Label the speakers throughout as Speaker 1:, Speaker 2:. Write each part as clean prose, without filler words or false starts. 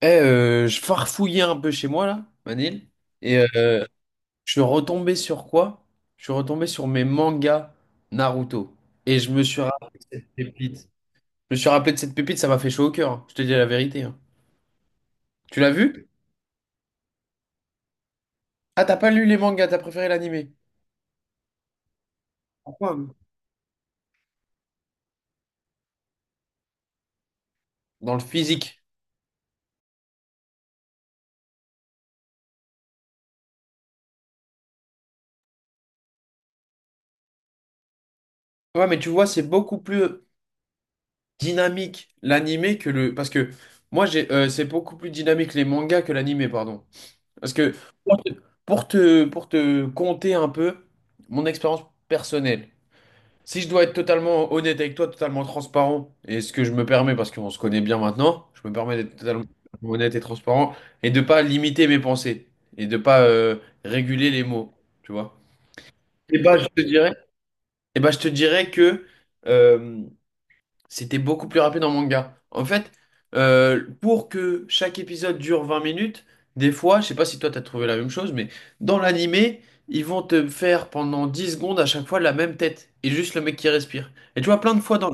Speaker 1: Je farfouillais un peu chez moi là, Manil, et euh, je suis retombé sur quoi? Je suis retombé sur mes mangas Naruto. Et je me suis rappelé de cette pépite. Je me suis rappelé de cette pépite, ça m'a fait chaud au cœur, hein. Je te dis la vérité, hein. Tu l'as vu? Ah, t'as pas lu les mangas, t'as préféré l'animé. Pourquoi? Dans le physique. Ouais, mais tu vois, c'est beaucoup plus dynamique l'animé que le. Parce que moi, c'est beaucoup plus dynamique les mangas que l'animé, pardon. Parce que pour te, pour te conter un peu mon expérience personnelle, si je dois être totalement honnête avec toi, totalement transparent, et ce que je me permets, parce qu'on se connaît bien maintenant, je me permets d'être totalement honnête et transparent, et de pas limiter mes pensées, et de pas réguler les mots, tu vois. Et bah, je te dirais, je te dirais que euh, c'était beaucoup plus rapide en manga. En fait, pour que chaque épisode dure 20 minutes, des fois, je sais pas si toi t'as trouvé la même chose, mais dans l'animé, ils vont te faire pendant 10 secondes à chaque fois la même tête et juste le mec qui respire. Et tu vois plein de fois dans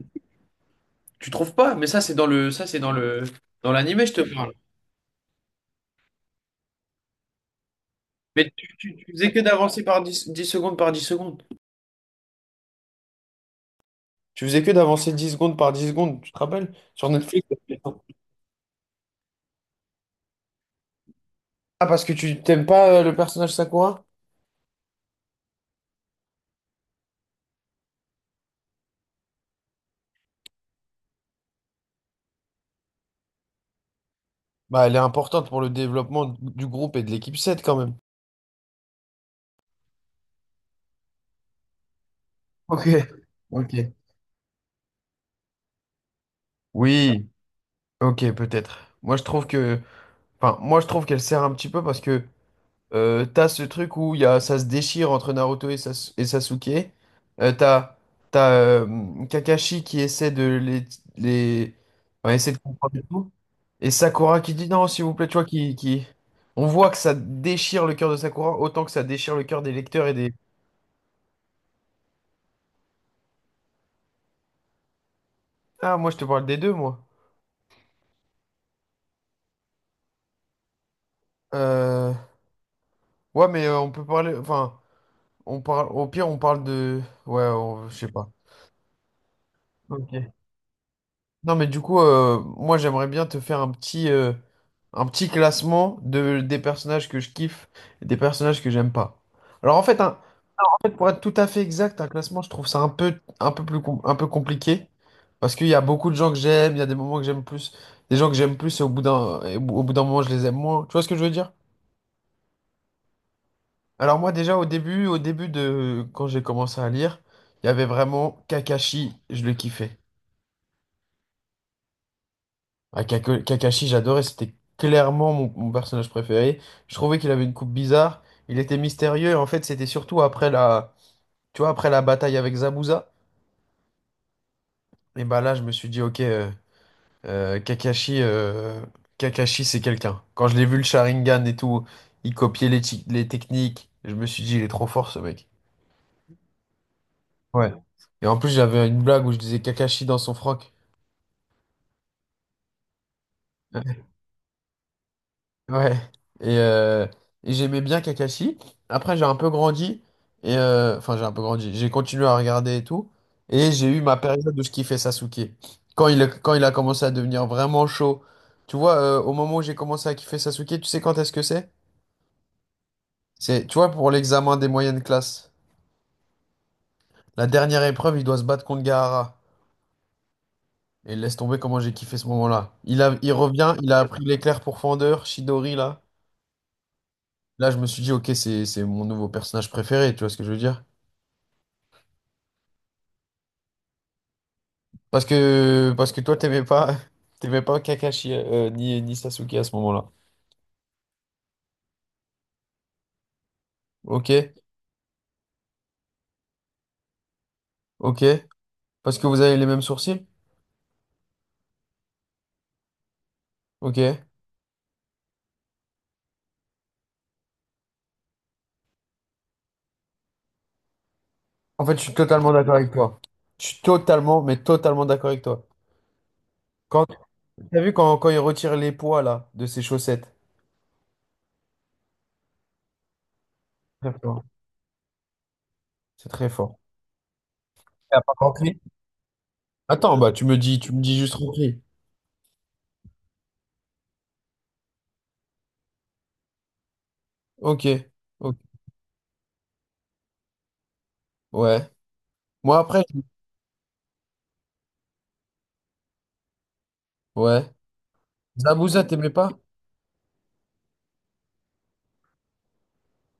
Speaker 1: tu trouves pas, mais ça c'est dans le ça c'est dans le dans l'animé, je te parle. Mais tu faisais que d'avancer par 10, 10 secondes par 10 secondes. Tu faisais que d'avancer 10 secondes par 10 secondes, tu te rappelles? Sur Netflix. Ah, parce que tu t'aimes pas le personnage Sakura? Bah, elle est importante pour le développement du groupe et de l'équipe 7 quand même. Ok, ok. Oui, ok, peut-être. Moi, je trouve que, enfin, moi, je trouve qu'elle sert un petit peu parce que t'as ce truc où il y a, ça se déchire entre Naruto et, et Sasuke. Euh, t'as t'as Kakashi qui essaie de les... enfin, essaie de comprendre et tout. Et Sakura qui dit non, s'il vous plaît, tu vois, qui... On voit que ça déchire le cœur de Sakura autant que ça déchire le cœur des lecteurs et des... Ah, moi, je te parle des deux, moi. Euh, Ouais, mais on peut parler. Enfin, on parle. Au pire, on parle de. Ouais, je sais pas. Ok. Non, mais du coup, moi, j'aimerais bien te faire un un petit classement de des personnages que je kiffe et des personnages que j'aime pas. Alors, en fait, un- en fait, pour être tout à fait exact, un classement, je trouve ça un peu, un peu compliqué parce qu'il y a beaucoup de gens que j'aime. Il y a des moments que j'aime plus, des gens que j'aime plus, et et au bout d'un moment, je les aime moins. Tu vois ce que je veux dire? Alors moi déjà au début de quand j'ai commencé à lire, il y avait vraiment Kakashi, je le kiffais. Ah, Kakashi, j'adorais, c'était clairement mon personnage préféré. Je trouvais qu'il avait une coupe bizarre, il était mystérieux et en fait c'était surtout après la, tu vois, après la bataille avec Zabuza. Et bah là je me suis dit ok, euh, Kakashi, euh, Kakashi c'est quelqu'un. Quand je l'ai vu le Sharingan et tout, il copiait les techniques, je me suis dit il est trop fort ce mec. Ouais. Et en plus j'avais une blague où je disais Kakashi dans son froc. Ouais. Ouais. Et, euh, et j'aimais bien Kakashi. Après, j'ai un peu grandi. Et enfin, j'ai un peu grandi. J'ai continué à regarder et tout. Et j'ai eu ma période où je kiffais Sasuke. Quand il a commencé à devenir vraiment chaud. Tu vois, au moment où j'ai commencé à kiffer Sasuke, tu sais quand est-ce que c'est? C'est, tu vois, pour l'examen des moyennes classes. La dernière épreuve, il doit se battre contre Gaara. Et laisse tomber comment j'ai kiffé ce moment-là. Il a, il revient, il a appris l'éclair pourfendeur, Shidori, là. Là, je me suis dit, ok, c'est mon nouveau personnage préféré, tu vois ce que je veux dire? Parce que toi, t'aimais pas, t'aimais pas Kakashi ni Sasuke à ce moment-là. Ok, ok. Parce que vous avez les mêmes sourcils? Ok. En fait, je suis totalement d'accord avec toi. Je suis totalement, mais totalement d'accord avec toi. Quand, t'as vu quand il retire les poids, là, de ses chaussettes? Très fort. C'est très fort. T'as pas compris? Attends, bah, tu me dis juste Ronkli. Ok, ok. Ouais. Moi, après, ouais. Zabuza, t'aimais pas?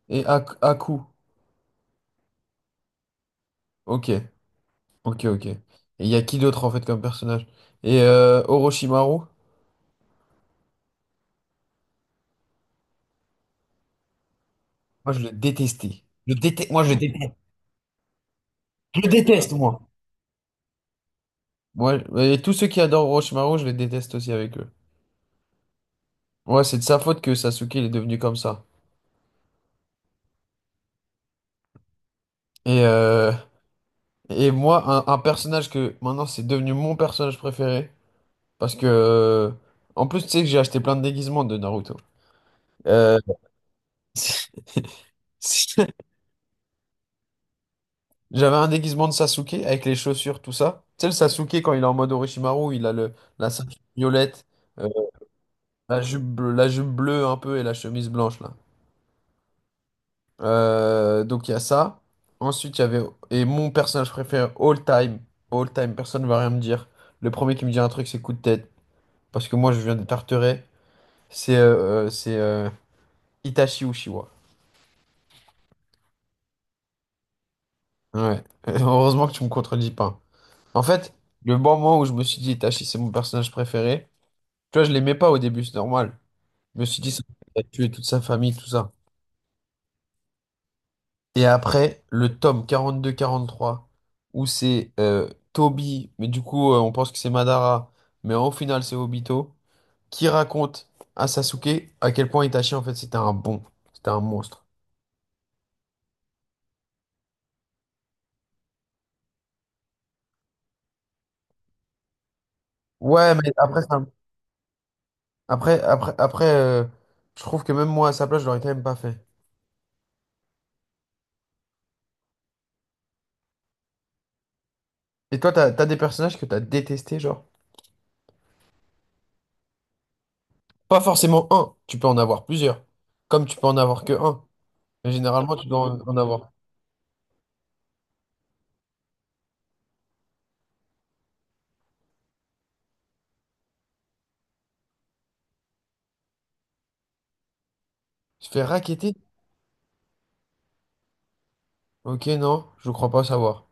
Speaker 1: Et Aku. Ok. Ok, ok. Et il y a qui d'autre en fait comme personnage? Et Orochimaru, moi je le détestais. Je déteste, moi je le déteste. Je le déteste, moi. Ouais, et tous ceux qui adorent Orochimaru, je les déteste aussi avec eux. Ouais, c'est de sa faute que Sasuke il est devenu comme ça. Et, euh, et moi, un personnage que maintenant c'est devenu mon personnage préféré. Parce que, en plus, tu sais que j'ai acheté plein de déguisements de Naruto. Euh, J'avais un déguisement de Sasuke avec les chaussures, tout ça. Tu sais, le Sasuke, quand il est en mode Orochimaru, il a la ceinture violette, euh, la jupe bleue un peu et la chemise blanche, là. Donc, il y a ça. Ensuite, il y avait... Et mon personnage préféré, all time. All time, personne ne va rien me dire. Le premier qui me dit un truc, c'est coup de tête. Parce que moi, je viens de Tarteret. C'est Itachi Uchiwa. Ouais. Heureusement que tu me contredis pas. En fait, le bon moment où je me suis dit Itachi, c'est mon personnage préféré, tu vois, je l'aimais pas au début, c'est normal. Je me suis dit, ça va tuer toute sa famille, tout ça. Et après, le tome 42-43, où c'est Toby, mais du coup, on pense que c'est Madara, mais au final, c'est Obito, qui raconte à Sasuke à quel point Itachi, en fait, c'était un bon, c'était un monstre. Ouais, mais après, après, après, après euh, je trouve que même moi, à sa place, je l'aurais quand même pas fait. Et toi, t'as des personnages que t'as détestés, genre? Pas forcément un, tu peux en avoir plusieurs, comme tu peux en avoir que un. Mais généralement, tu dois en avoir. Tu fais racketter? Ok, non, je crois pas savoir.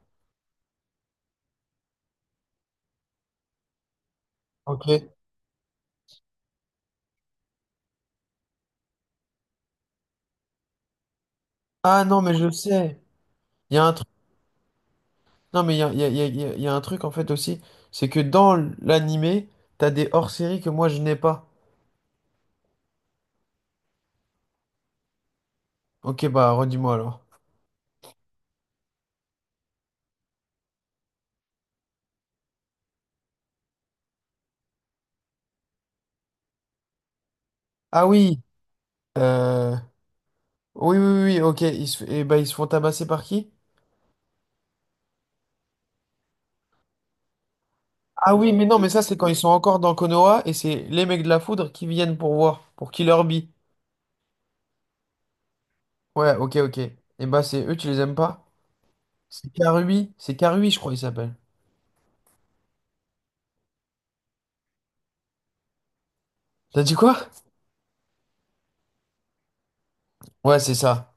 Speaker 1: Ok. Ah non, mais je sais. Il y a un truc. Non, mais il y a- il y a- il y a- il y a un truc en fait aussi. C'est que dans l'animé, t'as des hors-séries que moi je n'ai pas. Ok, bah redis-moi alors. Ah oui. euh, oui, oui, oui, oui, ok. Ils se... eh ben, ils se font tabasser par qui? Ah oui, mais non, mais ça, c'est quand ils sont encore dans Konoha et c'est les mecs de la foudre qui viennent pour voir, pour Killer Bee. Ouais, ok, ok. Et bah, c'est eux, tu les aimes pas? C'est Karui, je crois, il s'appelle. T'as dit quoi? Ouais, c'est ça.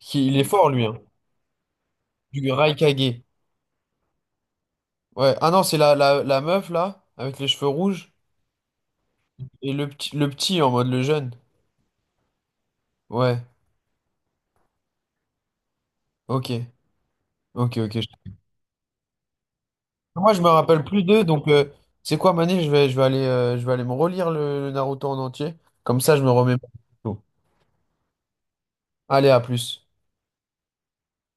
Speaker 1: Il est fort, lui, hein. Du Raikage. Ouais. Ah non, c'est la meuf, là, avec les cheveux rouges. Et le petit, en mode le jeune. Ouais. Ok. Ok, ok. Moi, je me rappelle plus d'eux, donc... c'est quoi, Mané? Je vais aller me relire le Naruto en entier. Comme ça, je me remets. Allez, à plus.